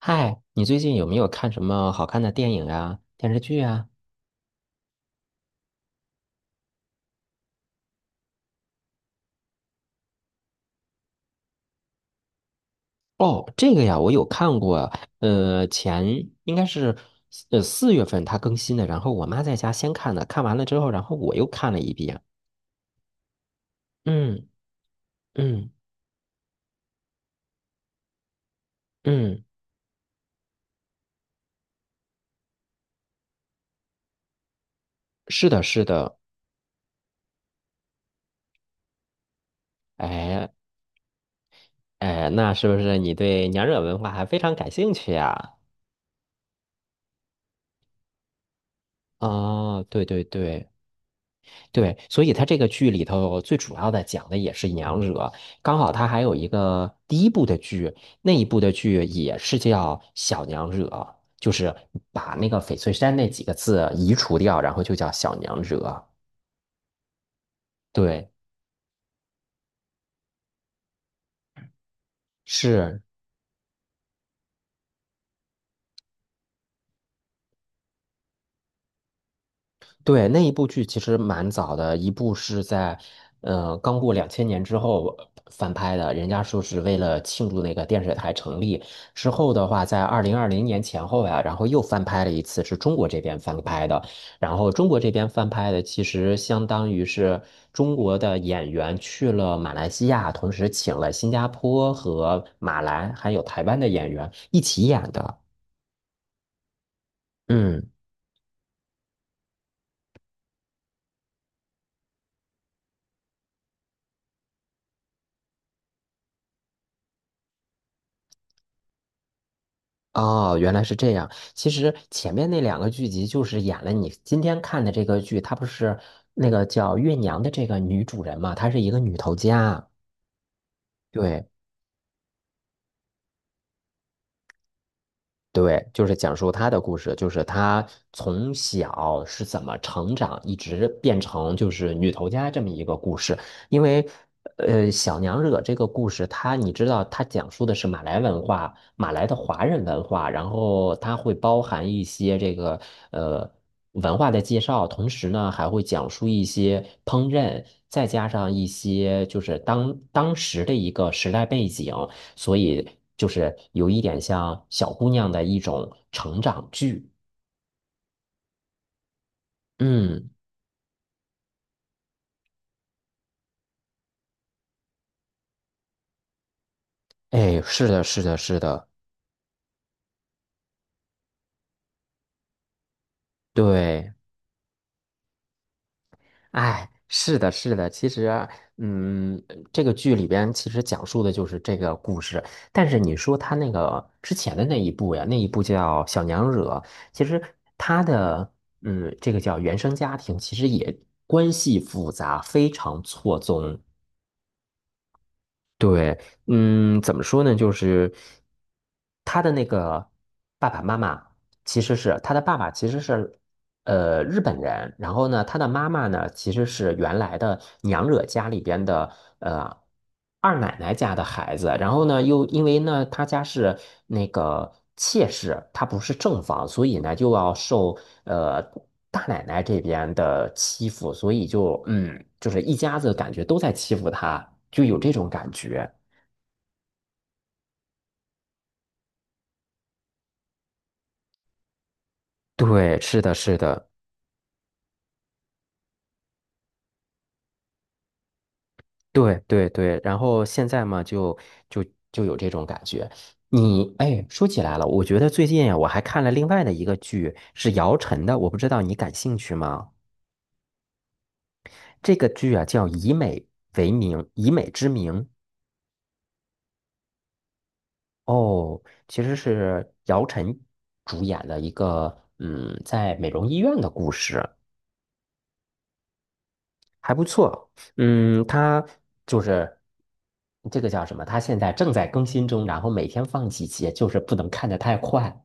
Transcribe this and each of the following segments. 嗨，你最近有没有看什么好看的电影啊、电视剧啊？哦，这个呀，我有看过。前应该是四月份它更新的，然后我妈在家先看的，看完了之后，然后我又看了一遍。嗯嗯嗯，是的，是的。哎哎，那是不是你对娘惹文化还非常感兴趣呀？哦，对对对。对，所以他这个剧里头最主要的讲的也是娘惹，刚好他还有一个第一部的剧，那一部的剧也是叫小娘惹，就是把那个翡翠山那几个字移除掉，然后就叫小娘惹。对，是对，那一部剧其实蛮早的，一部是在，刚过2000年之后翻拍的，人家说是为了庆祝那个电视台成立之后的话，在2020年前后呀，然后又翻拍了一次，是中国这边翻拍的，然后中国这边翻拍的其实相当于是中国的演员去了马来西亚，同时请了新加坡和马来还有台湾的演员一起演的，嗯。哦，原来是这样。其实前面那两个剧集就是演了你今天看的这个剧，它不是那个叫月娘的这个女主人嘛，她是一个女头家。对，对，就是讲述她的故事，就是她从小是怎么成长，一直变成就是女头家这么一个故事。因为，小娘惹这个故事，它你知道，它讲述的是马来文化，马来的华人文化，然后它会包含一些这个呃文化的介绍，同时呢还会讲述一些烹饪，再加上一些就是当时的一个时代背景。所以就是有一点像小姑娘的一种成长剧。嗯，哎，是的，是的，是的，对，哎，是的，是的。其实啊嗯，这个剧里边其实讲述的就是这个故事。但是你说他那个之前的那一部呀，那一部叫《小娘惹》，其实他的嗯，这个叫原生家庭，其实也关系复杂，非常错综。对，嗯，怎么说呢？就是他的那个爸爸妈妈，其实是他的爸爸，其实是日本人，然后呢，他的妈妈呢，其实是原来的娘惹家里边的呃二奶奶家的孩子，然后呢，又因为呢，他家是那个妾室，他不是正房，所以呢，就要受呃大奶奶这边的欺负，所以就嗯，就是一家子感觉都在欺负他，就有这种感觉。对，是的，是的。对对对，然后现在嘛，就就有这种感觉。你哎，说起来了，我觉得最近呀，我还看了另外的一个剧，是姚晨的，我不知道你感兴趣吗？这个剧啊叫《以美为名》，以美之名。哦，其实是姚晨主演的一个，嗯，在美容医院的故事，还不错。嗯，它就是这个叫什么？它现在正在更新中，然后每天放几集，就是不能看得太快。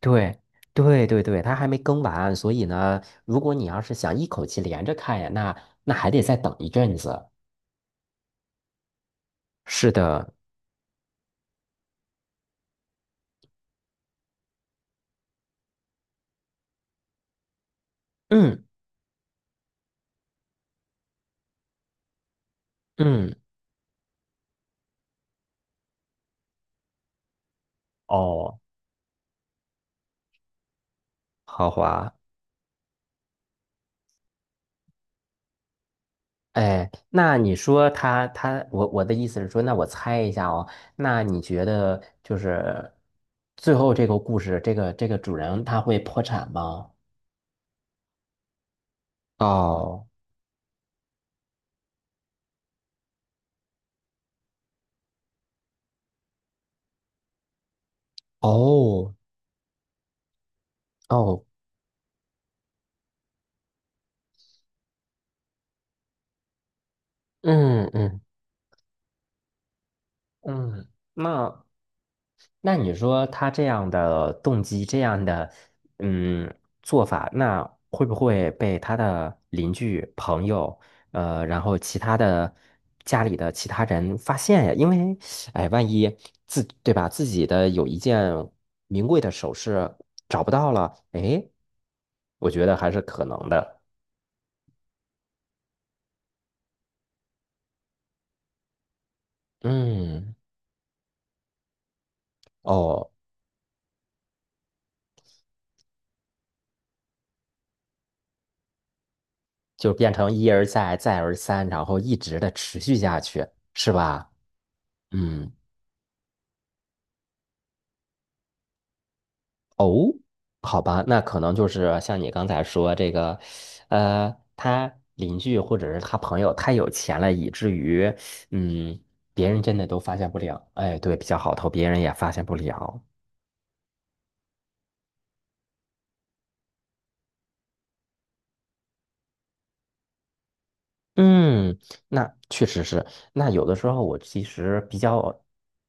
对对，它还没更完，所以呢，如果你要是想一口气连着看呀，那还得再等一阵子。是的，嗯嗯，哦，豪华，哎，那你说他，我的意思是说，那我猜一下哦，那你觉得就是最后这个故事，这个主人他会破产吗？哦哦哦，嗯嗯嗯，那。那你说他这样的动机，这样的嗯做法，那会不会被他的邻居、朋友，然后其他的家里的其他人发现呀？因为，哎，万一自，对吧，自己的有一件名贵的首饰找不到了，哎，我觉得还是可能的。嗯，哦，就变成一而再，再而三，然后一直的持续下去，是吧？嗯。哦，好吧，那可能就是像你刚才说这个，他邻居或者是他朋友太有钱了，以至于，嗯，别人真的都发现不了。哎，对，比较好偷，别人也发现不了。嗯，那确实是。那有的时候我其实比较，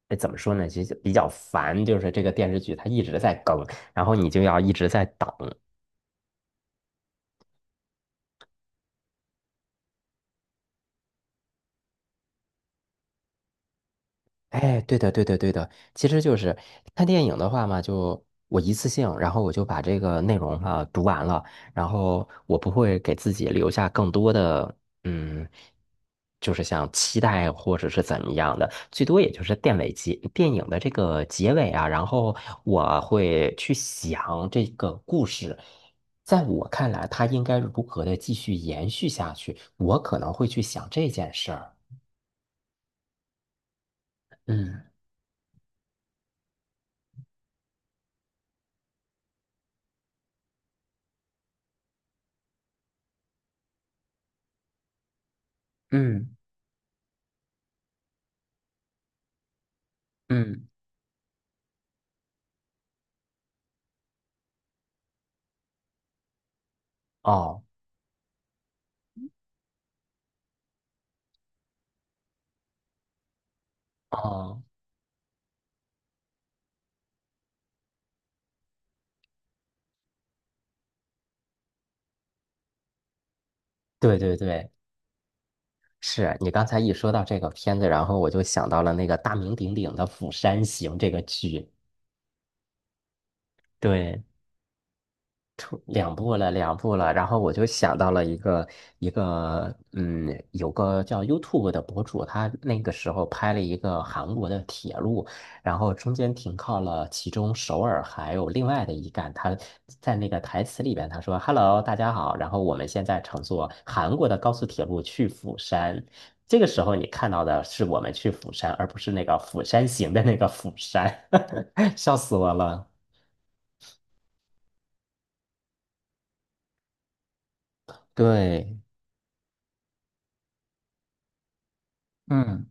哎，怎么说呢？其实比较烦，就是这个电视剧它一直在更，然后你就要一直在等。哎，对的，对的，对的，其实就是看电影的话嘛，就我一次性，然后我就把这个内容哈、读完了，然后我不会给自己留下更多的，嗯，就是像期待或者是怎么样的，最多也就是电尾结电影的这个结尾啊，然后我会去想这个故事，在我看来，它应该如何的继续延续下去，我可能会去想这件事儿。嗯嗯嗯，哦。哦，对对对，是你刚才一说到这个片子，然后我就想到了那个大名鼎鼎的《釜山行》这个剧。对，突两步了，两步了，然后我就想到了一个，嗯，有个叫 YouTube 的博主，他那个时候拍了一个韩国的铁路，然后中间停靠了其中首尔还有另外的一站，他在那个台词里边他说：“Hello，大家好，然后我们现在乘坐韩国的高速铁路去釜山。”这个时候你看到的是我们去釜山，而不是那个《釜山行》的那个釜山，笑死我了。对。嗯。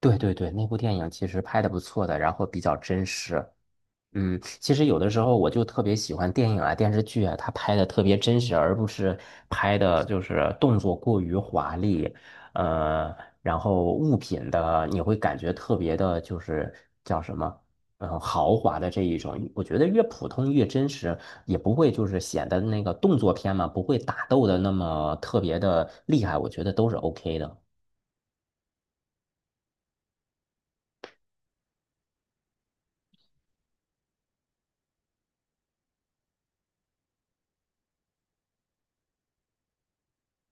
对对对，那部电影其实拍的不错的，然后比较真实。嗯，其实有的时候我就特别喜欢电影啊、电视剧啊，它拍的特别真实，而不是拍的就是动作过于华丽，呃，然后物品的你会感觉特别的，就是叫什么，嗯、豪华的这一种。我觉得越普通越真实，也不会就是显得那个动作片嘛，不会打斗的那么特别的厉害，我觉得都是 OK 的。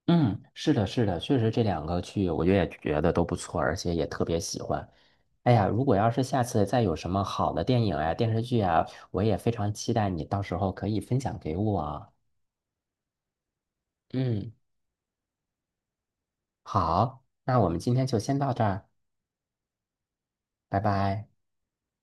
嗯，是的，是的，确实这两个剧，我也觉得都不错，而且也特别喜欢。哎呀，如果要是下次再有什么好的电影啊、电视剧啊，我也非常期待你到时候可以分享给我。嗯，好，那我们今天就先到这儿，拜拜。